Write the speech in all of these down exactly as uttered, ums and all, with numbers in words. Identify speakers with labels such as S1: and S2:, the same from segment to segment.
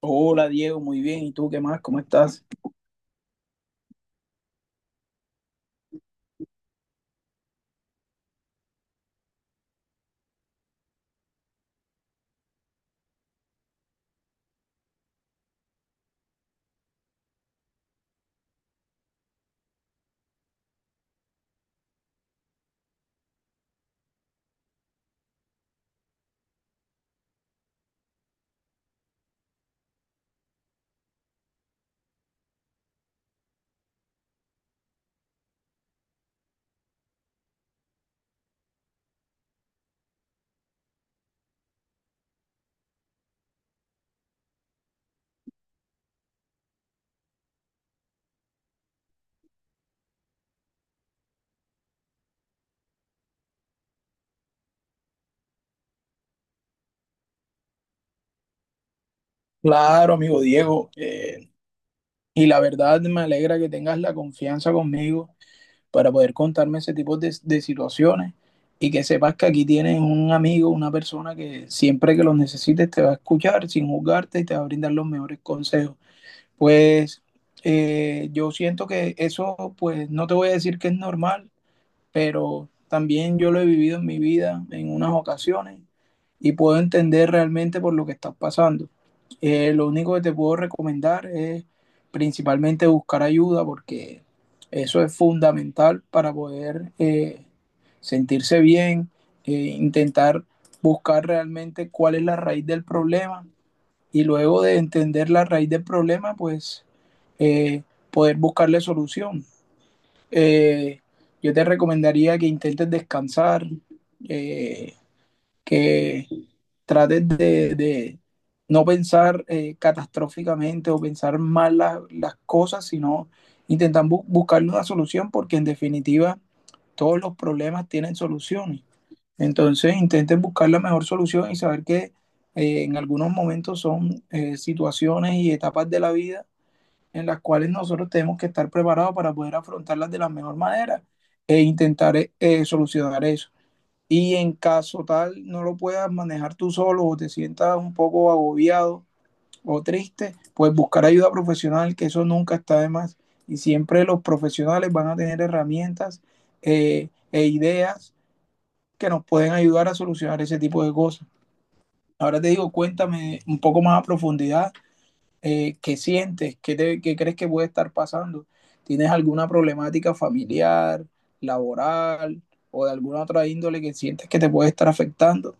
S1: Hola Diego, muy bien. ¿Y tú qué más? ¿Cómo estás? Claro, amigo Diego. Eh, y la verdad me alegra que tengas la confianza conmigo para poder contarme ese tipo de, de situaciones y que sepas que aquí tienes un amigo, una persona que siempre que los necesites te va a escuchar sin juzgarte y te va a brindar los mejores consejos. Pues eh, yo siento que eso, pues no te voy a decir que es normal, pero también yo lo he vivido en mi vida en unas ocasiones y puedo entender realmente por lo que estás pasando. Eh, lo único que te puedo recomendar es principalmente buscar ayuda porque eso es fundamental para poder eh, sentirse bien, eh, intentar buscar realmente cuál es la raíz del problema y luego de entender la raíz del problema, pues eh, poder buscarle solución. Eh, yo te recomendaría que intentes descansar, eh, que trates de, de no pensar eh, catastróficamente o pensar mal la- las cosas, sino intentar bu- buscar una solución porque en definitiva todos los problemas tienen soluciones. Entonces intenten buscar la mejor solución y saber que eh, en algunos momentos son eh, situaciones y etapas de la vida en las cuales nosotros tenemos que estar preparados para poder afrontarlas de la mejor manera e intentar eh, solucionar eso. Y en caso tal no lo puedas manejar tú solo o te sientas un poco agobiado o triste, pues buscar ayuda profesional, que eso nunca está de más. Y siempre los profesionales van a tener herramientas eh, e ideas que nos pueden ayudar a solucionar ese tipo de cosas. Ahora te digo, cuéntame un poco más a profundidad eh, qué sientes, qué, te- qué crees que puede estar pasando. ¿Tienes alguna problemática familiar, laboral o de alguna otra índole que sientes que te puede estar afectando?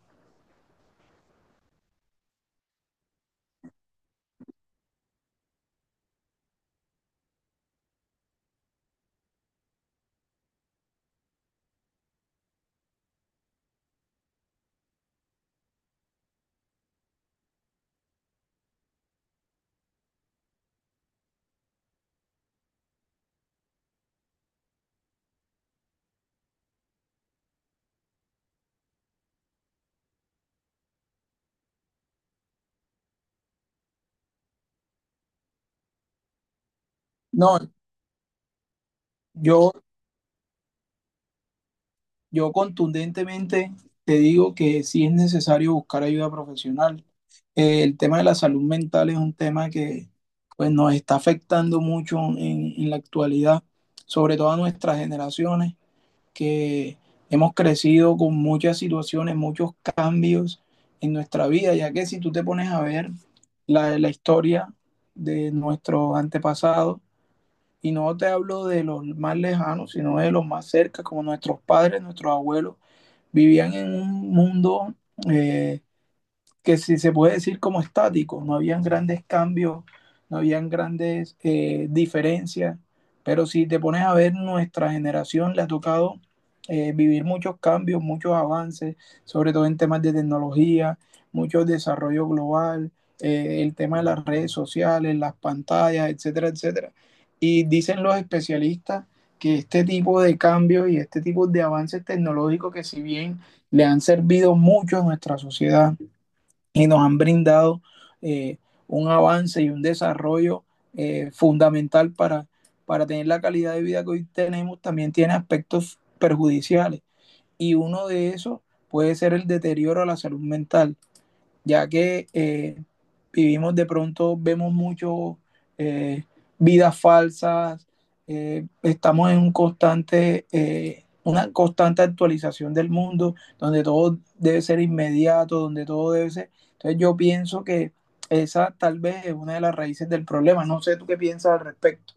S1: No, yo, yo contundentemente te digo que sí es necesario buscar ayuda profesional. Eh, el tema de la salud mental es un tema que pues, nos está afectando mucho en, en la actualidad, sobre todo a nuestras generaciones, que hemos crecido con muchas situaciones, muchos cambios en nuestra vida, ya que si tú te pones a ver la, la historia de nuestros antepasados, y no te hablo de los más lejanos, sino de los más cerca, como nuestros padres, nuestros abuelos, vivían en un mundo eh, que si se puede decir como estático, no habían grandes cambios, no habían grandes eh, diferencias, pero si te pones a ver, nuestra generación le ha tocado eh, vivir muchos cambios, muchos avances, sobre todo en temas de tecnología, mucho desarrollo global, eh, el tema de las redes sociales, las pantallas, etcétera, etcétera. Y dicen los especialistas que este tipo de cambios y este tipo de avances tecnológicos que si bien le han servido mucho a nuestra sociedad, y nos han brindado eh, un avance y un desarrollo eh, fundamental para, para tener la calidad de vida que hoy tenemos, también tiene aspectos perjudiciales. Y uno de esos puede ser el deterioro a la salud mental ya que eh, vivimos de pronto, vemos mucho eh, vidas falsas, eh, estamos en un constante, eh, una constante actualización del mundo, donde todo debe ser inmediato, donde todo debe ser. Entonces yo pienso que esa tal vez es una de las raíces del problema. No sé tú qué piensas al respecto.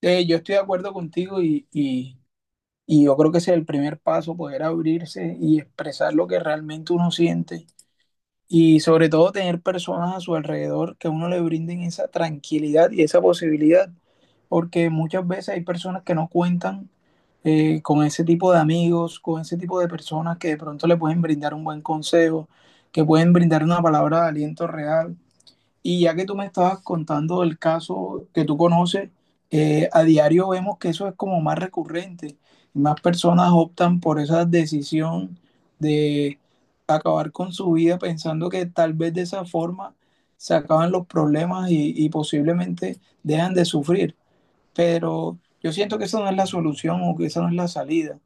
S1: Eh, yo estoy de acuerdo contigo y, y Y yo creo que ese es el primer paso, poder abrirse y expresar lo que realmente uno siente. Y sobre todo tener personas a su alrededor que a uno le brinden esa tranquilidad y esa posibilidad. Porque muchas veces hay personas que no cuentan eh, con ese tipo de amigos, con ese tipo de personas que de pronto le pueden brindar un buen consejo, que pueden brindar una palabra de aliento real y ya que tú me estabas contando el caso que tú conoces, eh, a diario vemos que eso es como más recurrente. Más personas optan por esa decisión de acabar con su vida pensando que tal vez de esa forma se acaban los problemas y, y posiblemente dejan de sufrir. Pero yo siento que esa no es la solución o que esa no es la salida.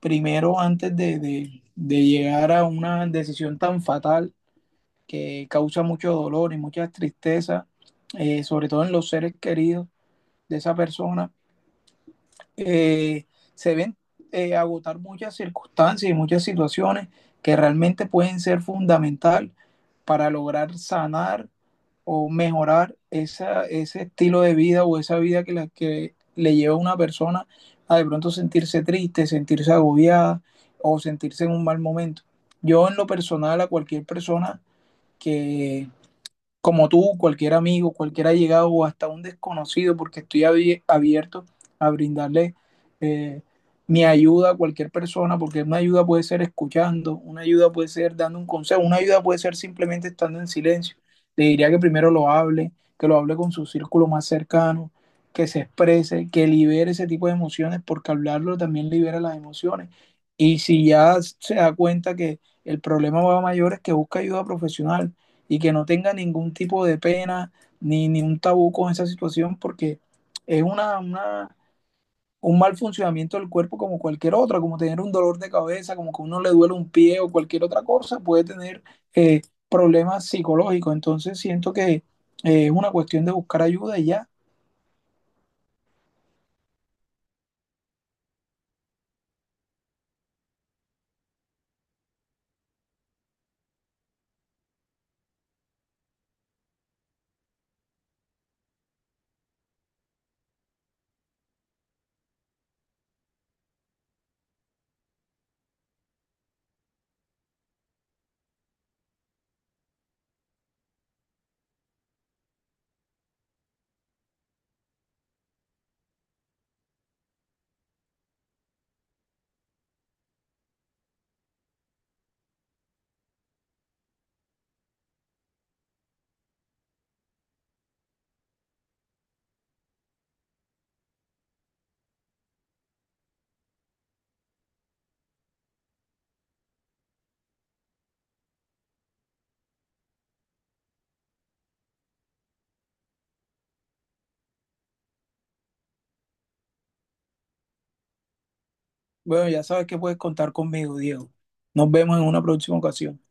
S1: Primero, antes de, de de llegar a una decisión tan fatal que causa mucho dolor y mucha tristeza, eh, sobre todo en los seres queridos de esa persona. Eh, Se ven eh, agotar muchas circunstancias y muchas situaciones que realmente pueden ser fundamental para lograr sanar o mejorar esa, ese estilo de vida o esa vida que, la, que le lleva a una persona a de pronto sentirse triste, sentirse agobiada o sentirse en un mal momento. Yo en lo personal a cualquier persona que como tú, cualquier amigo, cualquier allegado o hasta un desconocido, porque estoy abi- abierto a brindarle eh, mi ayuda a cualquier persona, porque una ayuda puede ser escuchando, una ayuda puede ser dando un consejo, una ayuda puede ser simplemente estando en silencio. Le diría que primero lo hable, que lo hable con su círculo más cercano, que se exprese, que libere ese tipo de emociones, porque hablarlo también libera las emociones. Y si ya se da cuenta que el problema va a mayores, que busque ayuda profesional y que no tenga ningún tipo de pena ni, ni un tabú con esa situación porque es una, una, un mal funcionamiento del cuerpo como cualquier otra, como tener un dolor de cabeza, como que a uno le duele un pie o cualquier otra cosa, puede tener eh, problemas psicológicos. Entonces siento que eh, es una cuestión de buscar ayuda y ya. Bueno, ya sabes que puedes contar conmigo, Diego. Nos vemos en una próxima ocasión.